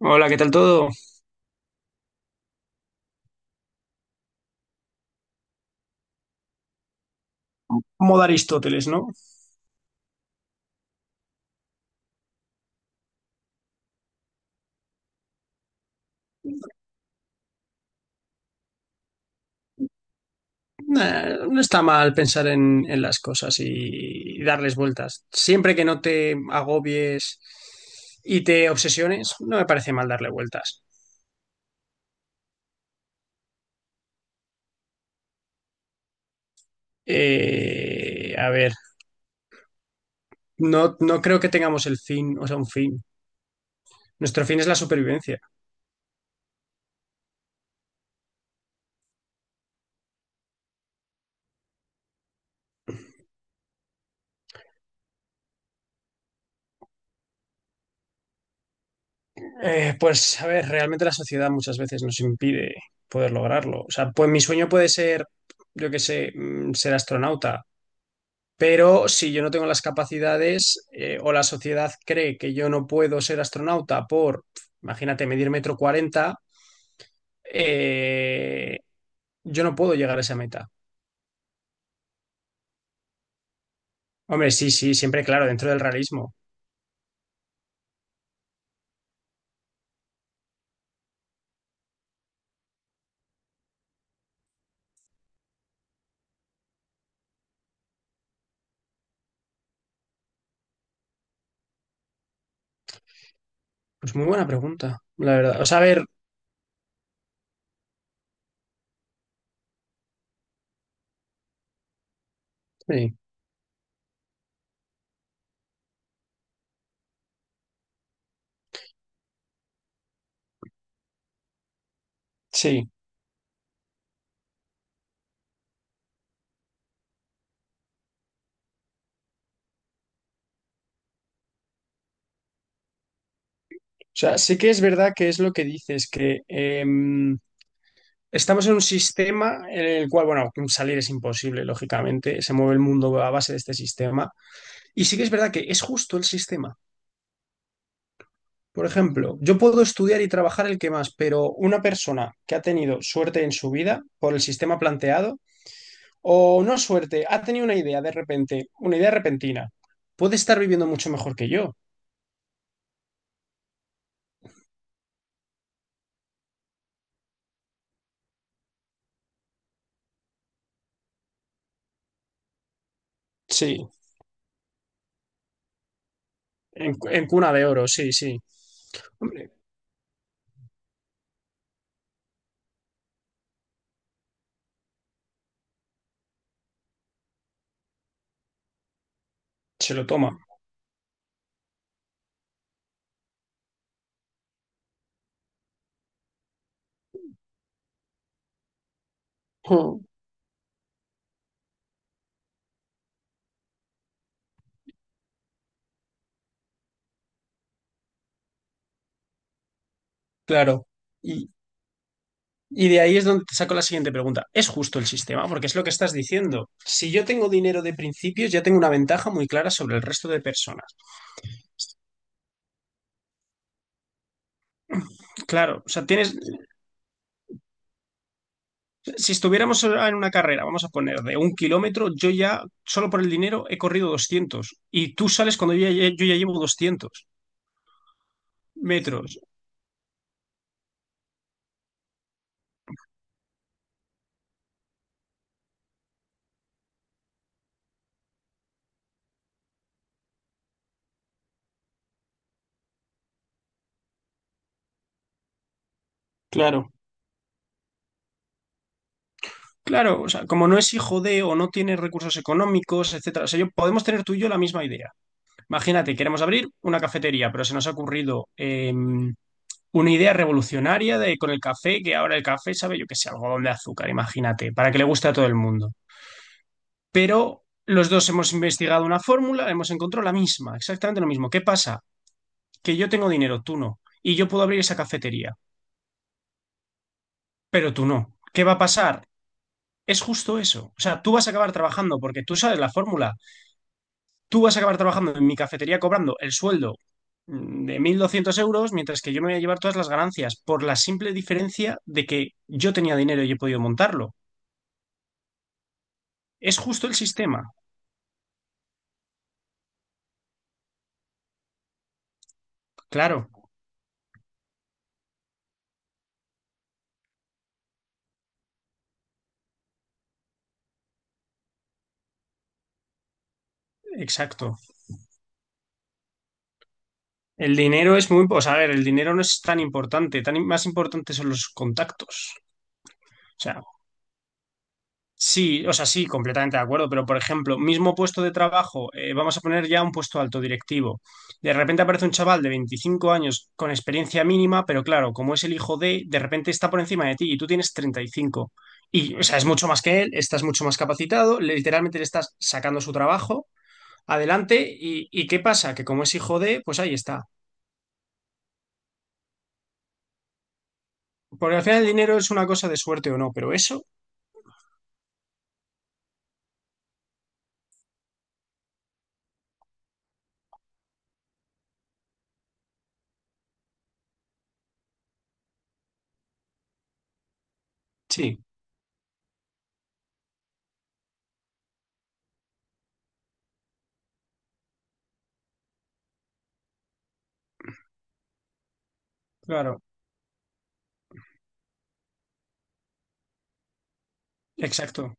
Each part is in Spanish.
Hola, ¿qué tal todo? Modo Aristóteles, ¿no? No está mal pensar en las cosas y darles vueltas. Siempre que no te agobies y te obsesiones, no me parece mal darle vueltas. Eh, a ver, no creo que tengamos el fin, o sea, un fin. Nuestro fin es la supervivencia. Pues, a ver, realmente la sociedad muchas veces nos impide poder lograrlo. O sea, pues mi sueño puede ser, yo qué sé, ser astronauta. Pero si yo no tengo las capacidades, o la sociedad cree que yo no puedo ser astronauta por, imagínate, medir 1,40 m, eh, yo no puedo llegar a esa meta. Hombre, sí, sí, siempre claro, dentro del realismo. Pues muy buena pregunta, la verdad. O sea, a ver, sí, sí. O sea, sí que es verdad que es lo que dices, que estamos en un sistema en el cual, bueno, salir es imposible, lógicamente, se mueve el mundo a base de este sistema. Y sí que es verdad que es justo el sistema. Por ejemplo, yo puedo estudiar y trabajar el que más, pero una persona que ha tenido suerte en su vida por el sistema planteado, o no suerte, ha tenido una idea de repente, una idea repentina, puede estar viviendo mucho mejor que yo. Sí, en cuna de oro, sí, sí. Hombre, se lo toma. Mm. Claro. Y, y de ahí es donde te saco la siguiente pregunta. ¿Es justo el sistema? Porque es lo que estás diciendo. Si yo tengo dinero de principios, ya tengo una ventaja muy clara sobre el resto de personas. Claro, o sea, tienes. Si estuviéramos en una carrera, vamos a poner de un kilómetro, yo ya, solo por el dinero, he corrido 200. Y tú sales cuando yo ya llevo 200 metros. Claro. Claro, o sea, como no es hijo de o no tiene recursos económicos, etcétera. O sea, yo, podemos tener tú y yo la misma idea. Imagínate, queremos abrir una cafetería, pero se nos ha ocurrido una idea revolucionaria de con el café, que ahora el café sabe, yo qué sé, algodón de azúcar, imagínate, para que le guste a todo el mundo. Pero los dos hemos investigado una fórmula, hemos encontrado la misma, exactamente lo mismo. ¿Qué pasa? Que yo tengo dinero, tú no, y yo puedo abrir esa cafetería, pero tú no. ¿Qué va a pasar? Es justo eso. O sea, tú vas a acabar trabajando porque tú sabes la fórmula. Tú vas a acabar trabajando en mi cafetería cobrando el sueldo, de 1.200 euros, mientras que yo me voy a llevar todas las ganancias por la simple diferencia de que yo tenía dinero y he podido montarlo. Es justo el sistema. Claro, exacto. El dinero es muy, o sea, a ver, el dinero no es tan importante, tan más importante son los contactos. O sea, sí, o sea, sí, completamente de acuerdo, pero por ejemplo, mismo puesto de trabajo, vamos a poner ya un puesto alto directivo. De repente aparece un chaval de 25 años con experiencia mínima, pero claro, como es el hijo de repente está por encima de ti y tú tienes 35. Y, cinco. Y, o sea, es mucho más que él, estás mucho más capacitado, literalmente le estás sacando su trabajo adelante y ¿qué pasa? Que como es hijo de, pues ahí está. Porque al final el dinero es una cosa de suerte o no, pero eso, sí, claro, exacto,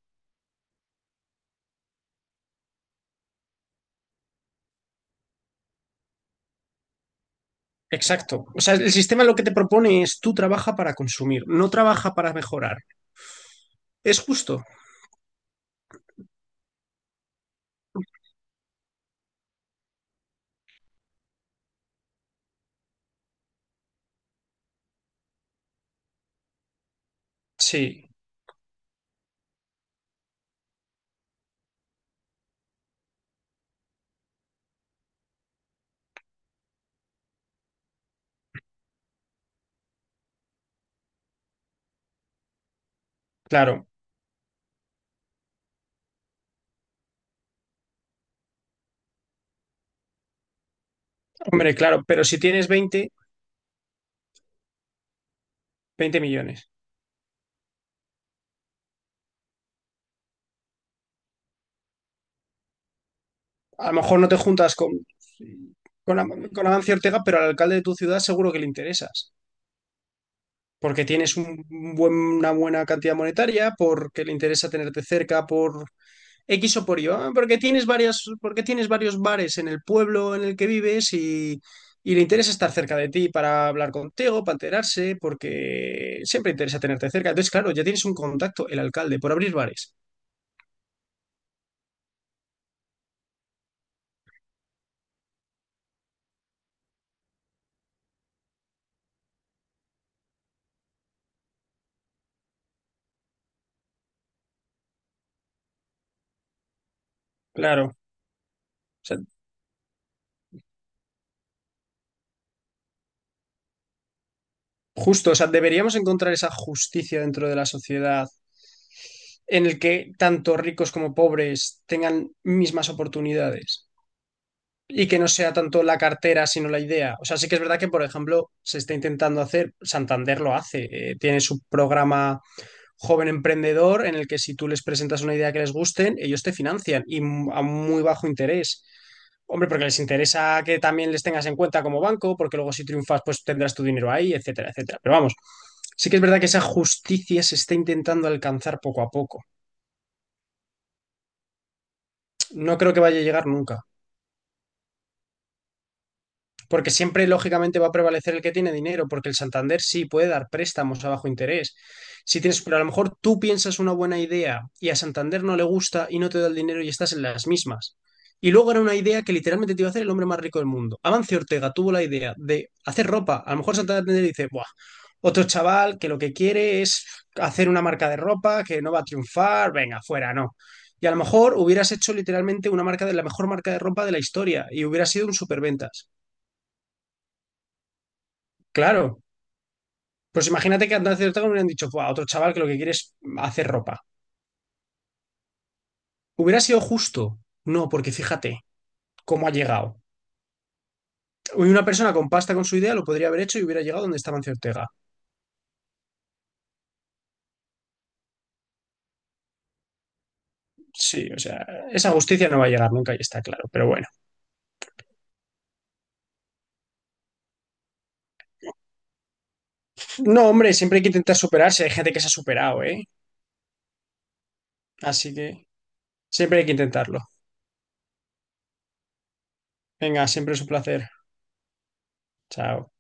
exacto. O sea, el sistema lo que te propone es tú trabaja para consumir, no trabaja para mejorar. ¿Es justo? Sí, claro, hombre, claro, pero si tienes veinte millones. A lo mejor no te juntas con, con Amancio Ortega, pero al alcalde de tu ciudad seguro que le interesas. Porque tienes un una buena cantidad monetaria, porque le interesa tenerte cerca, por X o por Y. Ah, porque tienes varias, porque tienes varios bares en el pueblo en el que vives y le interesa estar cerca de ti para hablar contigo, para enterarse, porque siempre interesa tenerte cerca. Entonces, claro, ya tienes un contacto, el alcalde, por abrir bares. Claro. O sea, justo, o sea, deberíamos encontrar esa justicia dentro de la sociedad en el que tanto ricos como pobres tengan mismas oportunidades. Y que no sea tanto la cartera, sino la idea. O sea, sí que es verdad que, por ejemplo, se está intentando hacer, Santander lo hace, tiene su programa Joven Emprendedor en el que si tú les presentas una idea que les gusten, ellos te financian y a muy bajo interés. Hombre, porque les interesa que también les tengas en cuenta como banco, porque luego si triunfas, pues tendrás tu dinero ahí, etcétera, etcétera. Pero vamos, sí que es verdad que esa justicia se está intentando alcanzar poco a poco. No creo que vaya a llegar nunca. Porque siempre, lógicamente, va a prevalecer el que tiene dinero, porque el Santander sí puede dar préstamos a bajo interés. Si tienes, pero a lo mejor tú piensas una buena idea y a Santander no le gusta y no te da el dinero y estás en las mismas. Y luego era una idea que literalmente te iba a hacer el hombre más rico del mundo. Amancio Ortega tuvo la idea de hacer ropa. A lo mejor Santander dice, buah, otro chaval que lo que quiere es hacer una marca de ropa, que no va a triunfar, venga, fuera, no. Y a lo mejor hubieras hecho literalmente una marca de la mejor marca de ropa de la historia y hubiera sido un superventas. Claro, pues imagínate que antes de Ortega hubieran dicho, "Buah, otro chaval que lo que quiere es hacer ropa. ¿Hubiera sido justo? No, porque fíjate cómo ha llegado. Hoy una persona con pasta con su idea lo podría haber hecho y hubiera llegado donde estaba Ancio Ortega. Sí, o sea, esa justicia no va a llegar nunca y está claro, pero bueno. No, hombre, siempre hay que intentar superarse. Hay gente que se ha superado, ¿eh? Así que siempre hay que intentarlo. Venga, siempre es un placer. Chao.